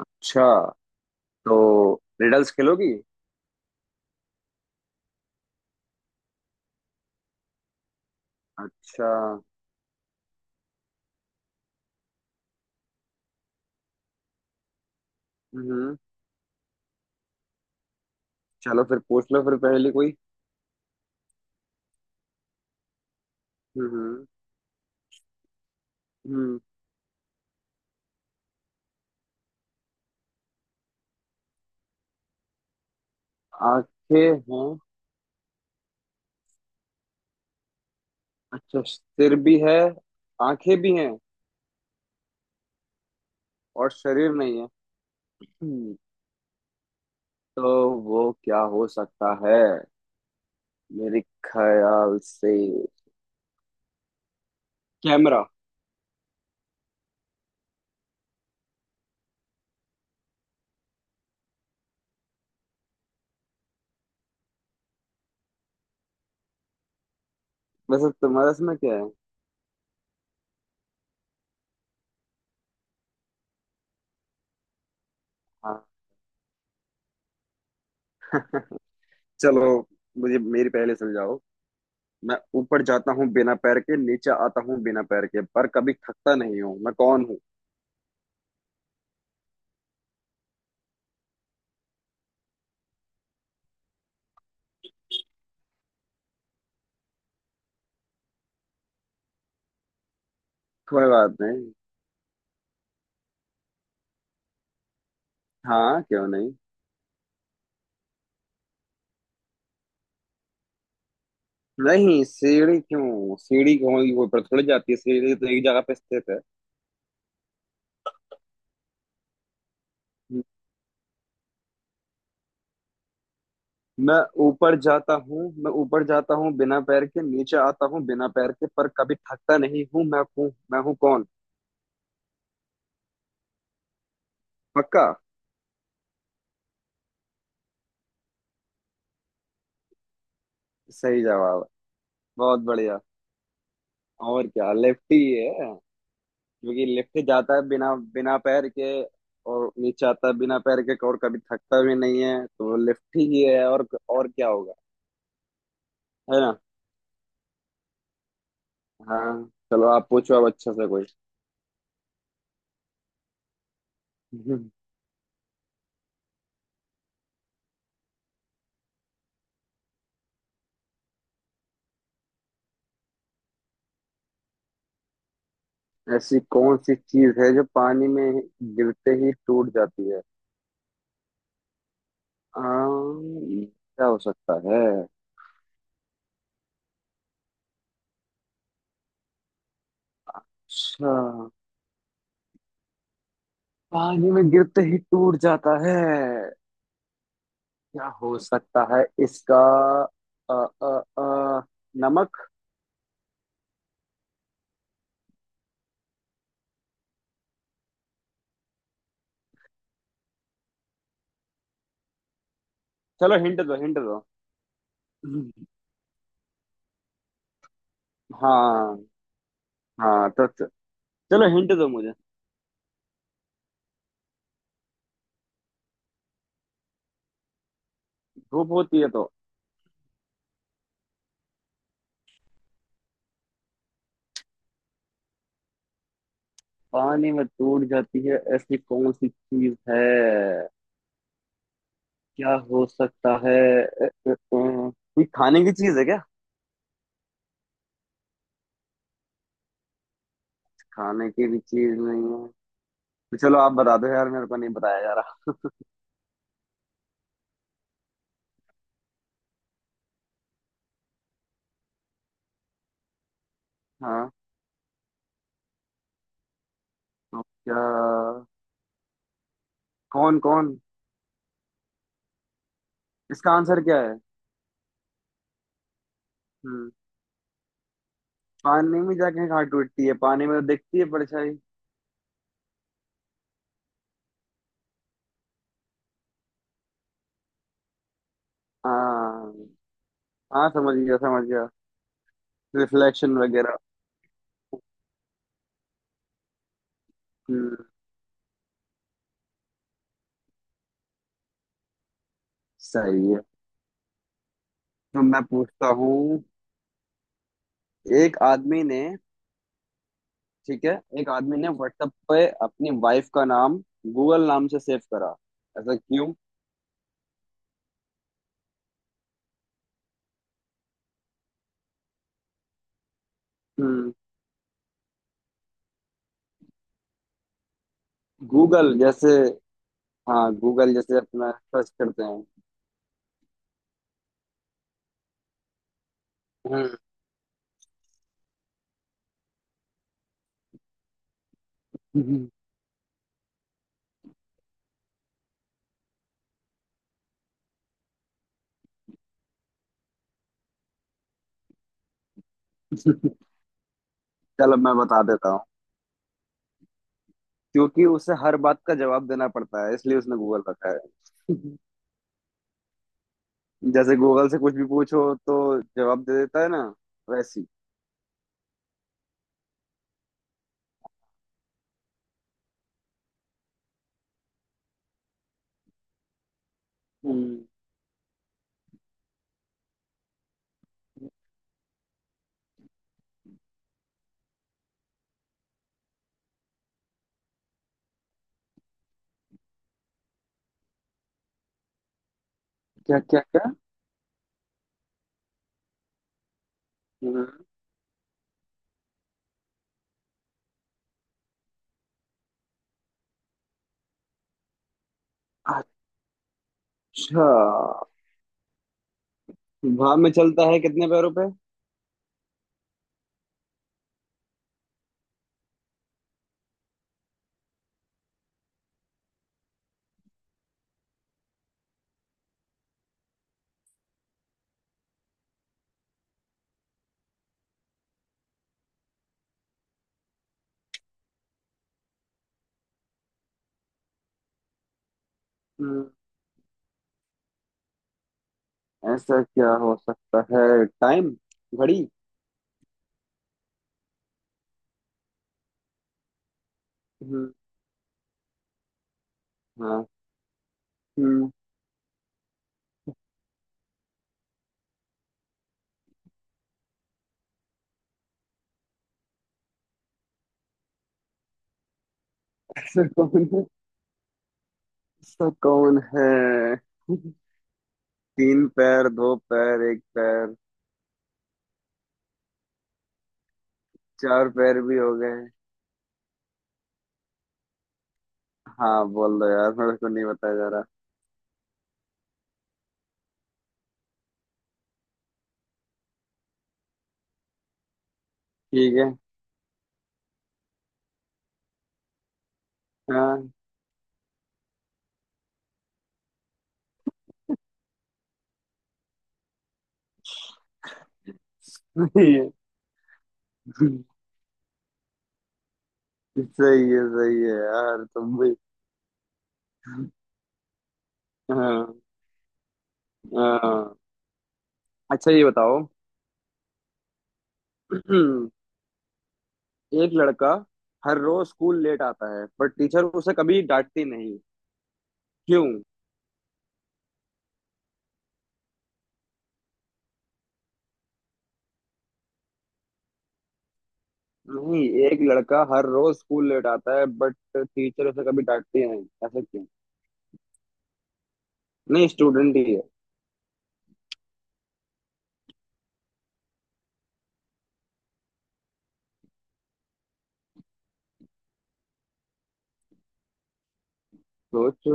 अच्छा। तो रिडल्स खेलोगी। अच्छा। हम्म। चलो फिर पूछ लो फिर पहली कोई। हम्म। हम्म। आंखें हैं। अच्छा सिर भी है, आंखें भी हैं और शरीर नहीं है। हम्म, तो वो क्या हो सकता है मेरे ख्याल से कैमरा। वैसे तुम्हारा इसमें क्या है। हाँ। चलो मुझे मेरी पहले सुलझाओ। मैं ऊपर जाता हूँ बिना पैर के, नीचे आता हूँ बिना पैर के, पर कभी थकता नहीं हूँ। मैं कौन हूँ। कोई बात नहीं। हाँ क्यों नहीं। नहीं, सीढ़ी क्यों, सीढ़ी क्यों होगी, वो ऊपर थोड़ी जाती है, सीढ़ी तो एक जगह पे स्थित है। मैं मैं ऊपर जाता हूँ बिना पैर के, नीचे आता हूँ बिना पैर के, पर कभी थकता नहीं हूँ। मैं हूँ कौन। पक्का। सही जवाब। बहुत बढ़िया। और क्या लेफ्टी है। क्योंकि लेफ्टी जाता है बिना बिना पैर के और नीचे आता है बिना पैर के और कभी थकता भी नहीं है, तो लेफ्टी ही है। और क्या होगा। है। हाँ। चलो आप पूछो अब अच्छा सा कोई। हम्म, ऐसी कौन सी चीज है जो पानी में गिरते ही टूट जाती है। आम, क्या हो सकता है। अच्छा, पानी में गिरते ही टूट जाता है, क्या हो सकता है इसका। अ, अ, अ, नमक। चलो हिंट दो हिंट दो। हाँ। हाँ तो चलो हिंट दो मुझे। धूप होती है तो। पानी में टूट जाती है ऐसी कौन सी चीज है, क्या हो सकता है। कोई खाने की चीज है क्या। खाने की भी चीज नहीं है, तो चलो आप बता दो यार, मेरे को नहीं बताया जा रहा। हाँ तो क्या, कौन कौन, इसका आंसर क्या है। हम्म। पानी में जाके कहाँ टूटती है, पानी में तो दिखती है परछाई। हाँ, हाँ समझ गया समझ गया। रिफ्लेक्शन वगैरह। हम्म। सही है। तो मैं पूछता हूँ। एक आदमी ने। ठीक है। एक आदमी ने व्हाट्सएप पे अपनी वाइफ का नाम गूगल नाम से सेव करा, ऐसा क्यों। हम्म। गूगल जैसे। हाँ, गूगल जैसे अपना सर्च करते हैं। हम्म। चलो मैं बता देता हूँ। क्योंकि उसे हर बात का जवाब देना पड़ता है, इसलिए उसने गूगल रखा है। जैसे गूगल से कुछ भी पूछो तो जवाब दे देता है ना, वैसी। हम्म। क्या क्या क्या। हम्म, अच्छा, हवा में चलता है कितने पैरों पे। हम्म। ऐसा क्या हो सकता है, टाइम, घड़ी। हम्म। हाँ। हम्म। ऐसा कौन। सब कौन है। तीन पैर दो पैर एक पैर। चार पैर भी हो गए। हाँ बोल दो यार, मेरे को नहीं बताया जा रहा। ठीक है। हाँ। सही है, सही है, सही है यार तुम भी। हाँ। हाँ। अच्छा ये बताओ। एक लड़का हर रोज स्कूल लेट आता है पर टीचर उसे कभी डांटती नहीं। क्यों। नहीं, एक लड़का हर रोज स्कूल लेट आता है बट टीचर उसे कभी डांटती नहीं, ऐसा क्यों। नहीं, स्टूडेंट ही है। सोचो।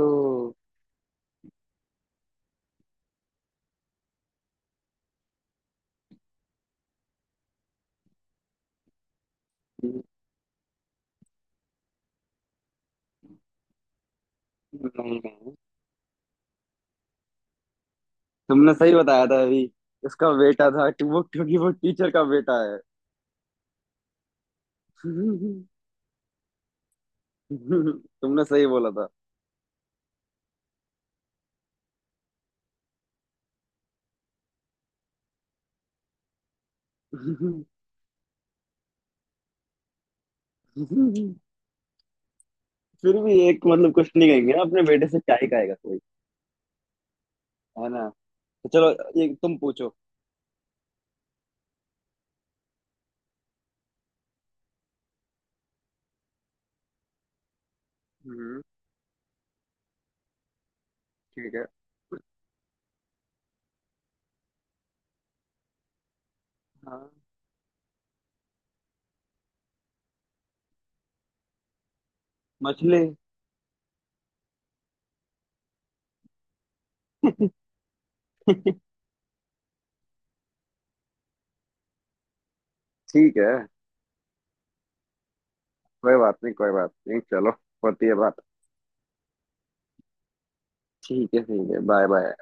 नहीं नहीं। तुमने सही बताया था अभी, उसका बेटा था। वो, क्योंकि वो टीचर का बेटा है। तुमने सही बोला था। फिर भी एक मतलब कुछ नहीं कहेंगे ना, अपने बेटे से क्या ही कहेगा कोई। है ना। तो चलो, एक तुम पूछो। हम्म। ठीक है। हाँ। मछली। ठीक है। कोई बात नहीं, कोई बात नहीं, चलो। होती है बात। ठीक है, ठीक है, बाय बाय।